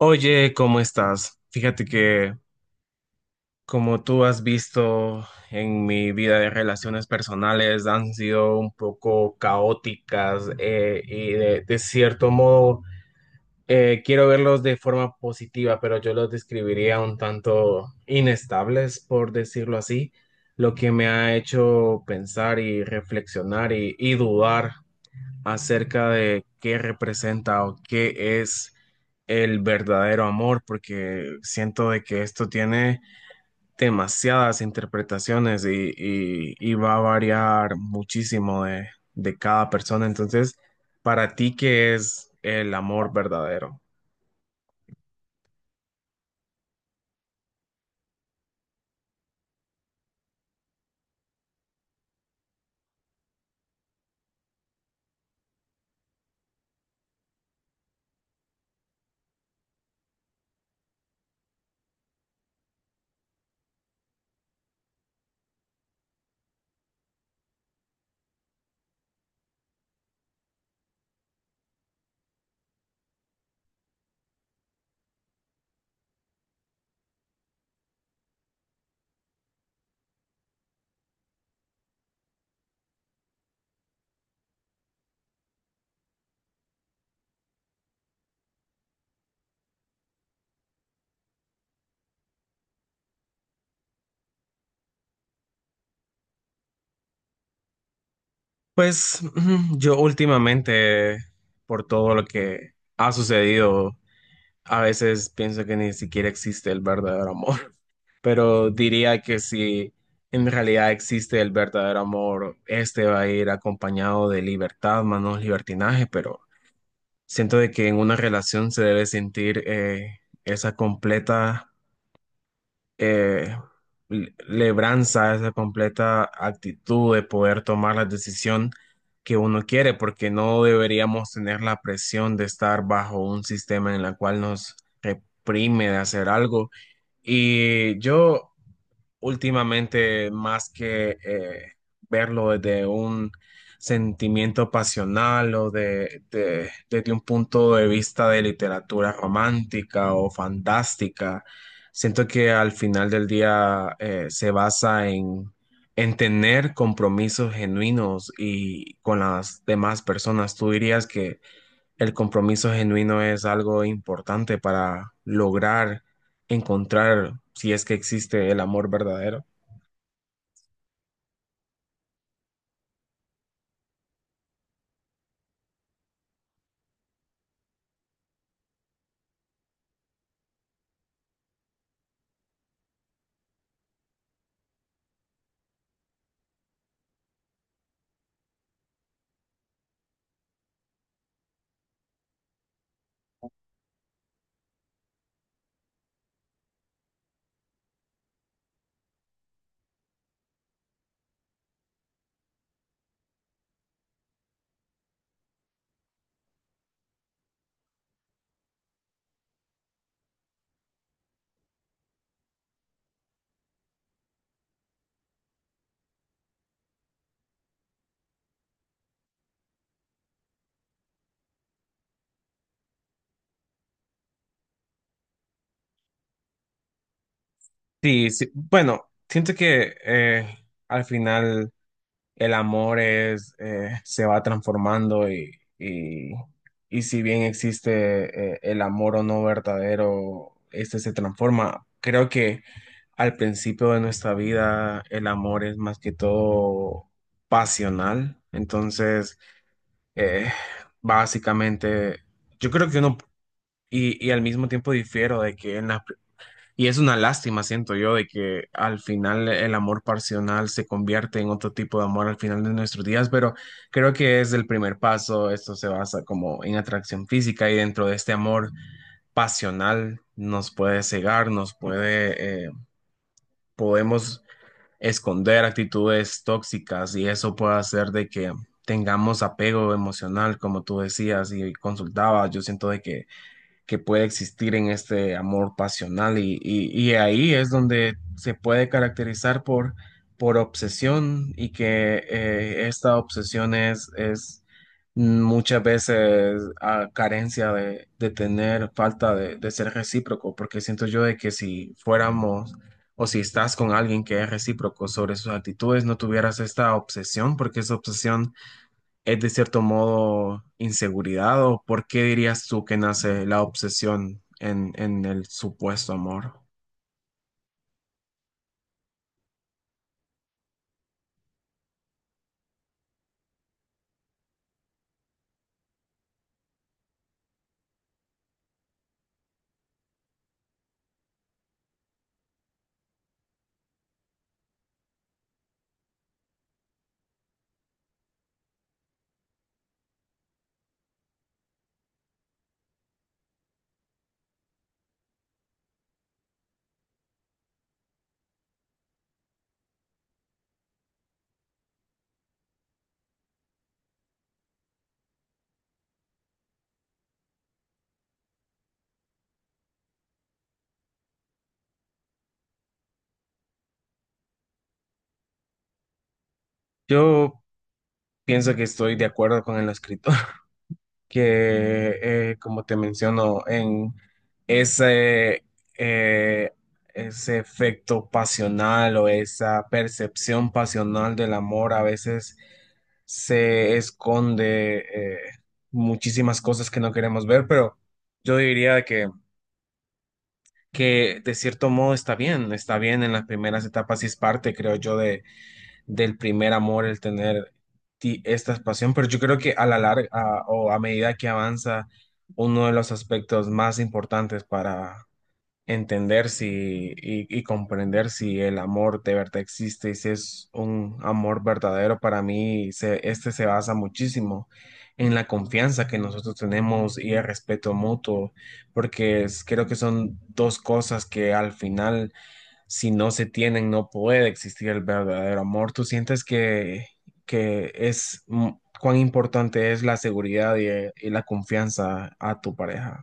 Oye, ¿cómo estás? Fíjate que como tú has visto en mi vida de relaciones personales han sido un poco caóticas, y de cierto modo, quiero verlos de forma positiva, pero yo los describiría un tanto inestables, por decirlo así, lo que me ha hecho pensar y reflexionar y dudar acerca de qué representa o qué es el verdadero amor, porque siento de que esto tiene demasiadas interpretaciones y va a variar muchísimo de cada persona. Entonces, para ti, ¿qué es el amor verdadero? Pues ujú, yo últimamente, por todo lo que ha sucedido, a veces pienso que ni siquiera existe el verdadero amor, pero diría que si en realidad existe el verdadero amor, este va a ir acompañado de libertad, manos libertinaje, pero siento de que en una relación se debe sentir esa completa eh, lebranza, esa completa actitud de poder tomar la decisión que uno quiere, porque no deberíamos tener la presión de estar bajo un sistema en el cual nos reprime de hacer algo. Y yo últimamente más que verlo desde un sentimiento pasional o desde un punto de vista de literatura romántica o fantástica, siento que al final del día se basa en, tener compromisos genuinos y con las demás personas. ¿Tú dirías que el compromiso genuino es algo importante para lograr encontrar si es que existe el amor verdadero? Sí, sí. Bueno, siento que al final el amor es, se va transformando, y, y si bien existe el amor o no verdadero, este se transforma. Creo que al principio de nuestra vida el amor es más que todo pasional. Entonces, Eh, básicamente, yo creo que uno, y al mismo tiempo difiero de que, y es una lástima, siento yo, de que al final el amor pasional se convierte en otro tipo de amor al final de nuestros días, pero creo que es el primer paso, esto se basa como en atracción física y dentro de este amor pasional nos puede cegar, nos puede, podemos esconder actitudes tóxicas y eso puede hacer de que tengamos apego emocional, como tú decías y consultabas. Yo siento de que puede existir en este amor pasional y ahí es donde se puede caracterizar por obsesión y que esta obsesión es muchas veces a carencia de tener falta de ser recíproco, porque siento yo de que si fuéramos o si estás con alguien que es recíproco sobre sus actitudes, no tuvieras esta obsesión, porque esa obsesión es de cierto modo inseguridad, ¿o por qué dirías tú que nace la obsesión en el supuesto amor? Yo pienso que estoy de acuerdo con el escritor, que como te menciono, en ese, eh, ese efecto pasional o esa percepción pasional del amor a veces se esconde muchísimas cosas que no queremos ver, pero yo diría que de cierto modo está bien en las primeras etapas y es parte, creo yo, del primer amor el tener esta pasión, pero yo creo que a la larga o a medida que avanza, uno de los aspectos más importantes para entender si y comprender si el amor de verdad existe y si es un amor verdadero para mí, este se basa muchísimo en la confianza que nosotros tenemos y el respeto mutuo, porque creo que son dos cosas que al final, si no se tienen, no puede existir el verdadero amor. ¿Tú sientes que es, cuán importante es la seguridad y la confianza a tu pareja?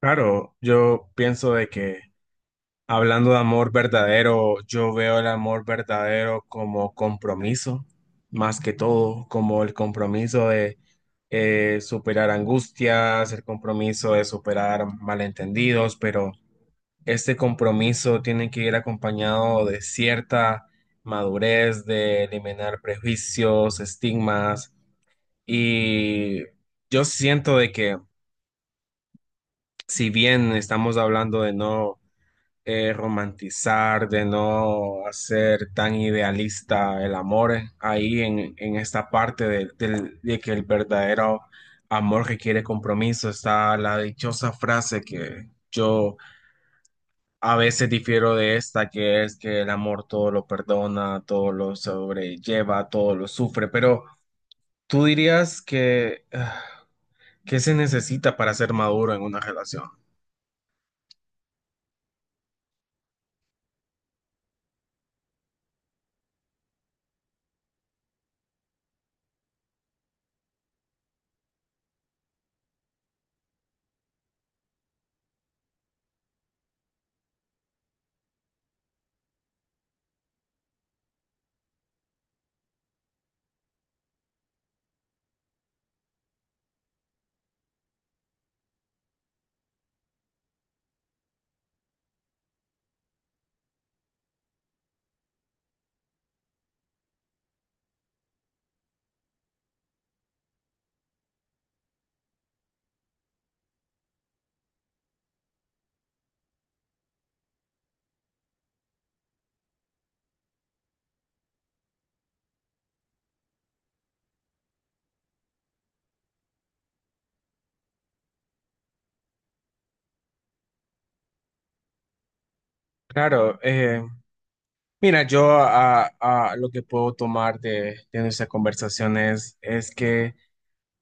Claro, yo pienso de que hablando de amor verdadero, yo veo el amor verdadero como compromiso, más que todo, como el compromiso de superar angustias, el compromiso de superar malentendidos, pero este compromiso tiene que ir acompañado de cierta madurez, de eliminar prejuicios, estigmas, y yo siento de que si bien estamos hablando de no romantizar, de no hacer tan idealista el amor, ahí en esta parte de que el verdadero amor requiere compromiso, está la dichosa frase que yo a veces difiero de esta, que es que el amor todo lo perdona, todo lo sobrelleva, todo lo sufre, pero tú dirías que, ah, ¿qué se necesita para ser maduro en una relación? Claro, mira, yo lo que puedo tomar de nuestra conversación es que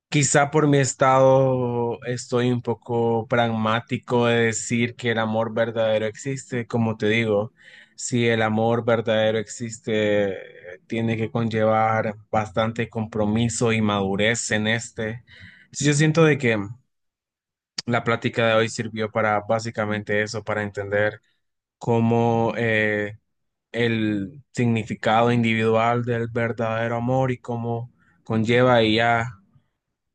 quizá por mi estado estoy un poco pragmático de decir que el amor verdadero existe. Como te digo, si el amor verdadero existe, tiene que conllevar bastante compromiso y madurez en este. Sí, yo siento de que la plática de hoy sirvió para básicamente eso, para entender como el significado individual del verdadero amor y cómo conlleva y ya,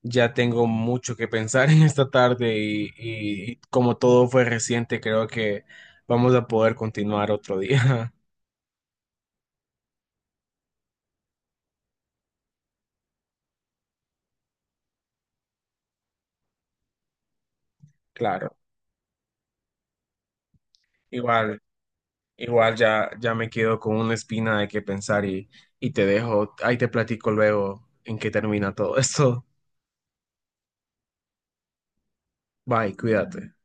ya tengo mucho que pensar en esta tarde y como todo fue reciente, creo que vamos a poder continuar otro día. Claro, igual, igual ya, ya me quedo con una espina de qué pensar y te dejo, ahí te platico luego en qué termina todo esto. Bye, cuídate.